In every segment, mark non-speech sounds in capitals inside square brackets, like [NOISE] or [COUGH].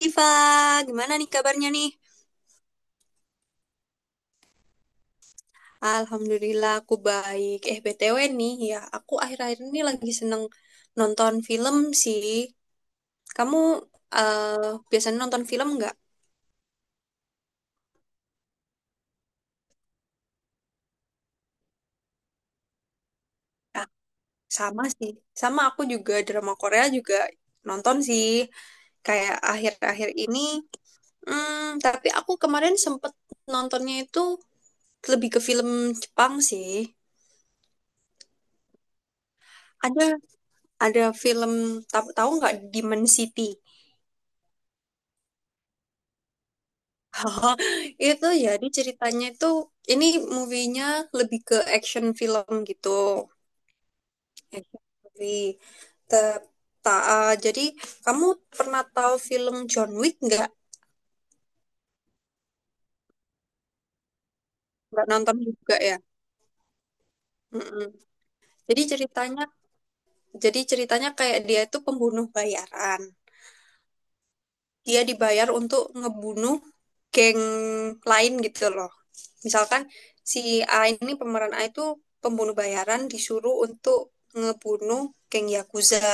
Diva, gimana nih kabarnya nih? Alhamdulillah aku baik. BTW nih ya, aku akhir-akhir ini lagi seneng nonton film sih. Kamu biasanya nonton film nggak? Ah, sama sih. Sama aku juga drama Korea juga nonton sih. Kayak akhir-akhir ini. Hmm, tapi aku kemarin sempet nontonnya itu lebih ke film Jepang sih. Ada ada film tahu tahu nggak Demon City? [LAUGHS] Oh, itu jadi ceritanya itu ini movie-nya lebih ke action film gitu. Action movie. Te- jadi kamu pernah tahu film John Wick nggak? Nggak nonton juga ya? Mm-mm. Jadi ceritanya, jadi ceritanya kayak dia itu pembunuh bayaran. Dia dibayar untuk ngebunuh geng lain gitu loh. Misalkan si A ini pemeran A itu pembunuh bayaran disuruh untuk ngebunuh geng Yakuza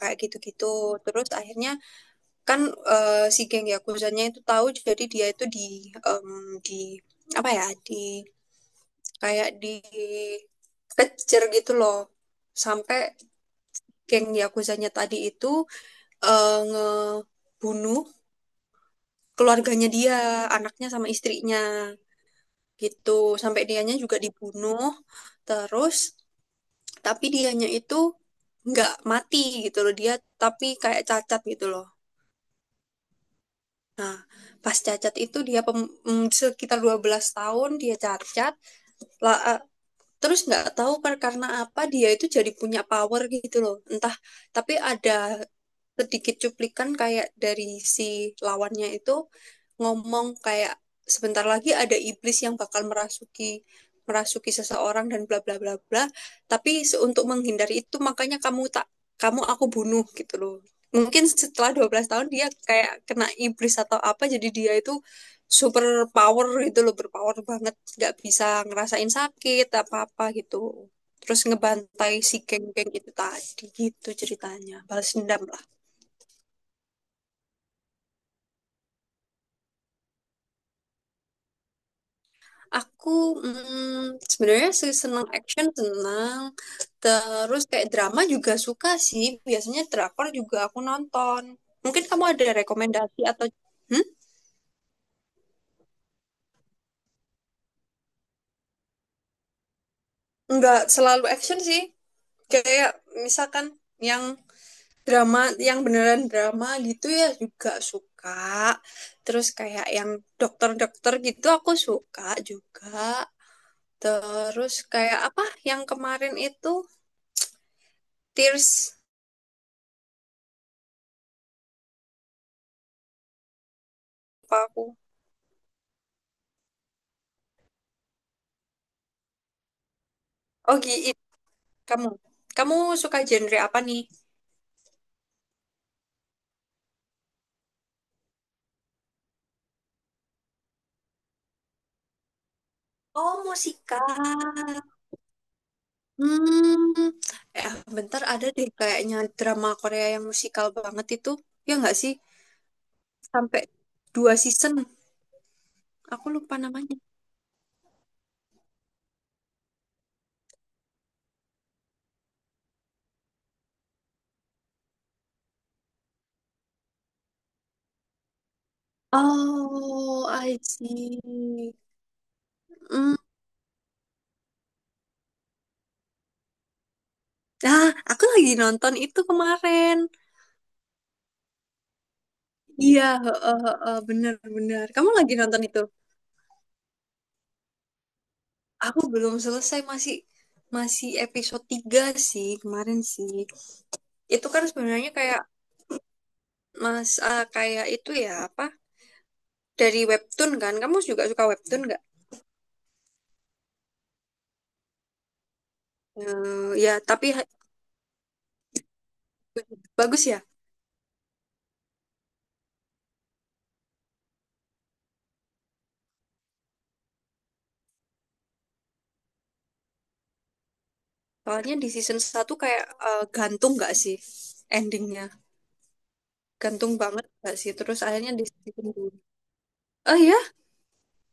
kayak gitu-gitu. Terus akhirnya kan si geng Yakuzanya itu tahu jadi dia itu di di apa ya di kayak di kejar gitu loh sampai geng Yakuzanya tadi itu ngebunuh keluarganya dia, anaknya sama istrinya gitu. Sampai dianya juga dibunuh. Terus tapi dianya itu nggak mati gitu loh dia tapi kayak cacat gitu loh. Nah, pas cacat itu dia sekitar 12 tahun dia cacat. La- eh, terus nggak tahu karena apa dia itu jadi punya power gitu loh. Entah tapi ada sedikit cuplikan kayak dari si lawannya itu ngomong kayak sebentar lagi ada iblis yang bakal merasuki merasuki seseorang dan bla bla bla bla. Tapi untuk menghindari itu makanya kamu tak kamu aku bunuh gitu loh. Mungkin setelah 12 tahun dia kayak kena iblis atau apa jadi dia itu super power gitu loh, berpower banget, nggak bisa ngerasain sakit apa-apa gitu. Terus ngebantai si geng-geng itu tadi gitu ceritanya, balas dendam. Aku sebenarnya sih seneng action seneng, terus kayak drama juga suka sih. Biasanya drakor juga aku nonton. Mungkin kamu ada rekomendasi atau hmm? Nggak selalu action sih. Kayak misalkan yang drama, yang beneran drama gitu ya juga suka. Terus kayak yang dokter-dokter gitu aku suka juga. Terus kayak apa yang kemarin itu Tears apa aku? Oh, Gi- Kamu, kamu suka genre apa nih? Oh, musikal. Hmm, bentar ada deh kayaknya drama Korea yang musikal banget itu. Ya nggak sih? Sampai dua season. Aku lupa namanya. Oh, I see. Hmm. Ah, aku lagi nonton itu kemarin. Iya, heeh, heeh, bener-bener. Kamu lagi nonton itu? Aku belum selesai, masih masih episode 3 sih kemarin sih. Itu kan sebenarnya kayak kayak itu ya, apa? Dari webtoon kan? Kamu juga suka webtoon nggak? Eh, ya, tapi ha- bagus ya. Soalnya di season satu kayak gantung nggak sih endingnya? Gantung banget nggak sih? Terus akhirnya di season 2 Eh ya,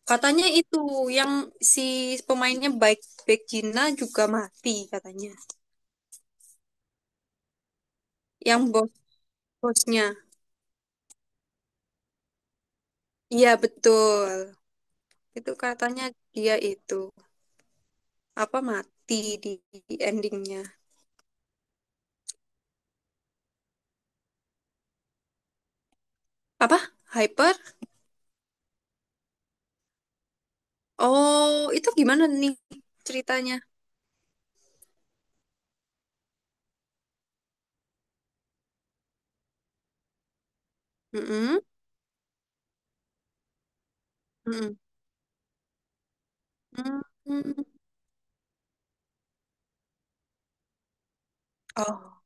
katanya itu yang si pemainnya baik baik Gina juga mati katanya. Yang bos-bosnya. Iya, betul. Itu katanya dia itu apa mati di endingnya. Apa? Hyper? Oh, itu gimana nih ceritanya? Mm-mm, mm-mm, mm-mm. Oh,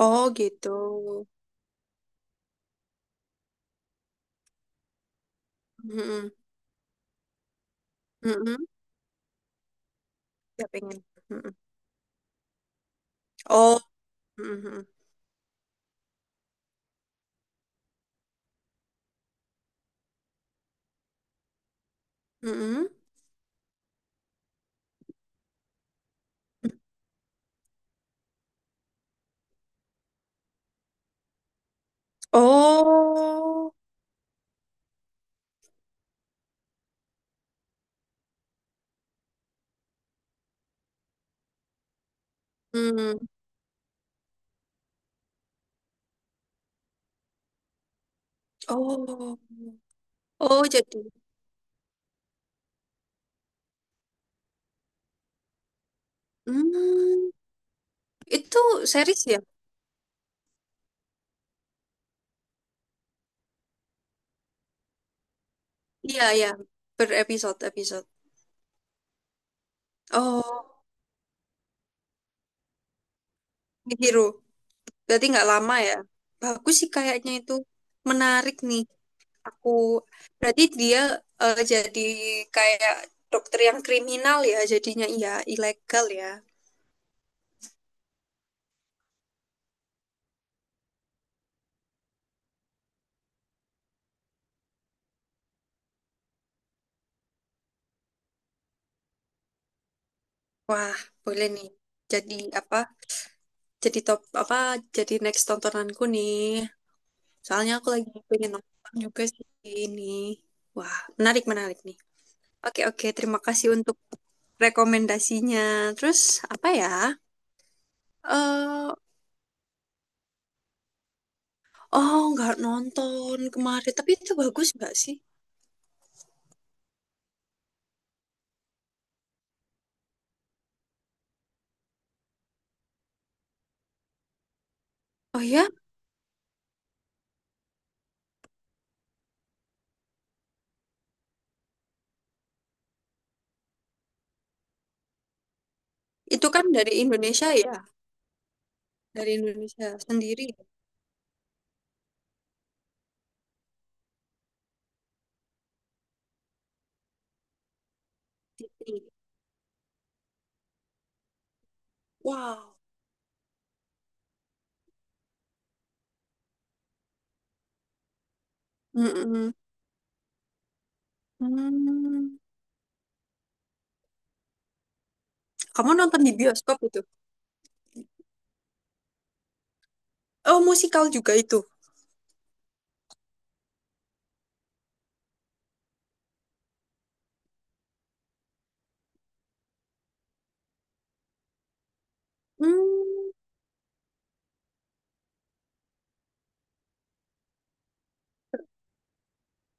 oh gitu. Mm-mm, mm-mm. Ya pengen. Mm-mm. Oh, mm-mm, mm-mm. Oh, mm. Oh, oh jadi. Hmm, itu series ya? Iya, ya. Berepisode, episode. Oh, Big Hero. Berarti nggak lama ya? Bagus sih kayaknya itu. Menarik nih. Aku berarti dia jadi kayak dokter yang kriminal ya jadinya iya ilegal ya. Wah, boleh nih. Jadi apa? Jadi top apa? Jadi next tontonanku nih. Soalnya aku lagi pengen nonton juga sih ini. Wah, menarik menarik nih. Oke oke, terima kasih untuk rekomendasinya. Terus apa ya? eh oh, nggak nonton kemarin, tapi itu bagus nggak sih? Oh ya, itu kan dari Indonesia ya? Dari Indonesia sendiri. Wow. Mm-mm. Hmm. Kamu nonton di bioskop itu? Oh, musikal juga itu. Hmm.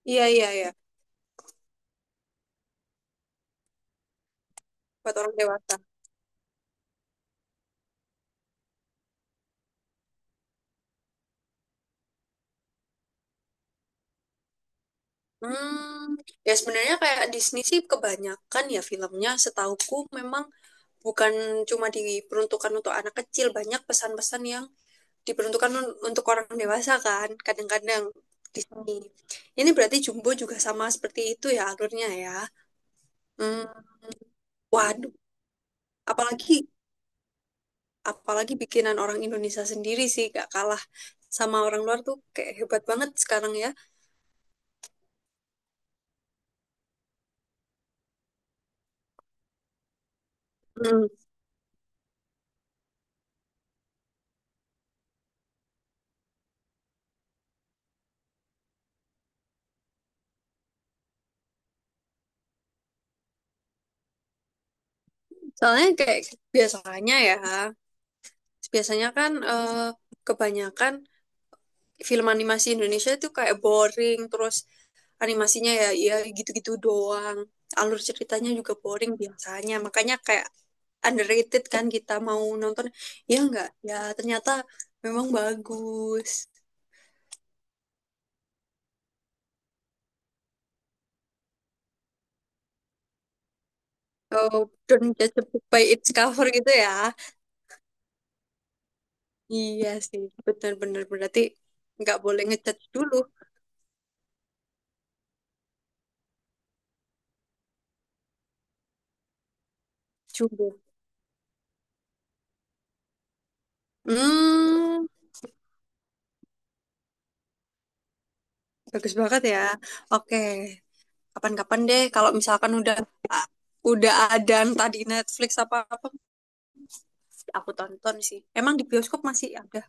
Iya, iya, iya. Buat orang dewasa. Hmm. Ya sebenarnya kayak Disney sih kebanyakan ya filmnya setauku memang bukan cuma diperuntukkan untuk anak kecil, banyak pesan-pesan yang diperuntukkan untuk orang dewasa kan, kadang-kadang Disney. Ini berarti Jumbo juga sama seperti itu ya alurnya ya. Hmm. Waduh, apalagi apalagi bikinan orang Indonesia sendiri sih gak kalah sama orang luar tuh kayak hebat banget sekarang ya. Hmm. Soalnya kayak biasanya ya, biasanya kan kebanyakan film animasi Indonesia itu kayak boring, terus animasinya ya ya gitu-gitu doang. Alur ceritanya juga boring biasanya. Makanya kayak underrated kan kita mau nonton ya enggak ya ternyata memang bagus. Oh, don't judge a book by its cover gitu ya. Iya sih, benar-benar berarti nggak boleh ngecat dulu, jumbo. Hmm, bagus banget ya. Oke, kapan-kapan deh kalau misalkan udah ah, udah ada entah di Netflix apa-apa, aku tonton sih. Emang di bioskop masih ada?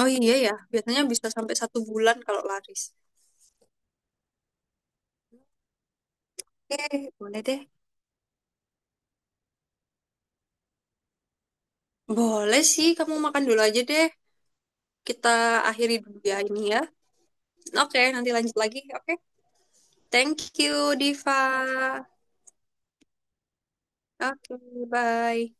Oh iya ya, biasanya bisa sampai satu bulan kalau laris. Oke, boleh deh. Boleh sih, kamu makan dulu aja deh. Kita akhiri dulu ya ini ya. Oke, nanti lanjut lagi. Oke, thank you, Diva. Oke, bye.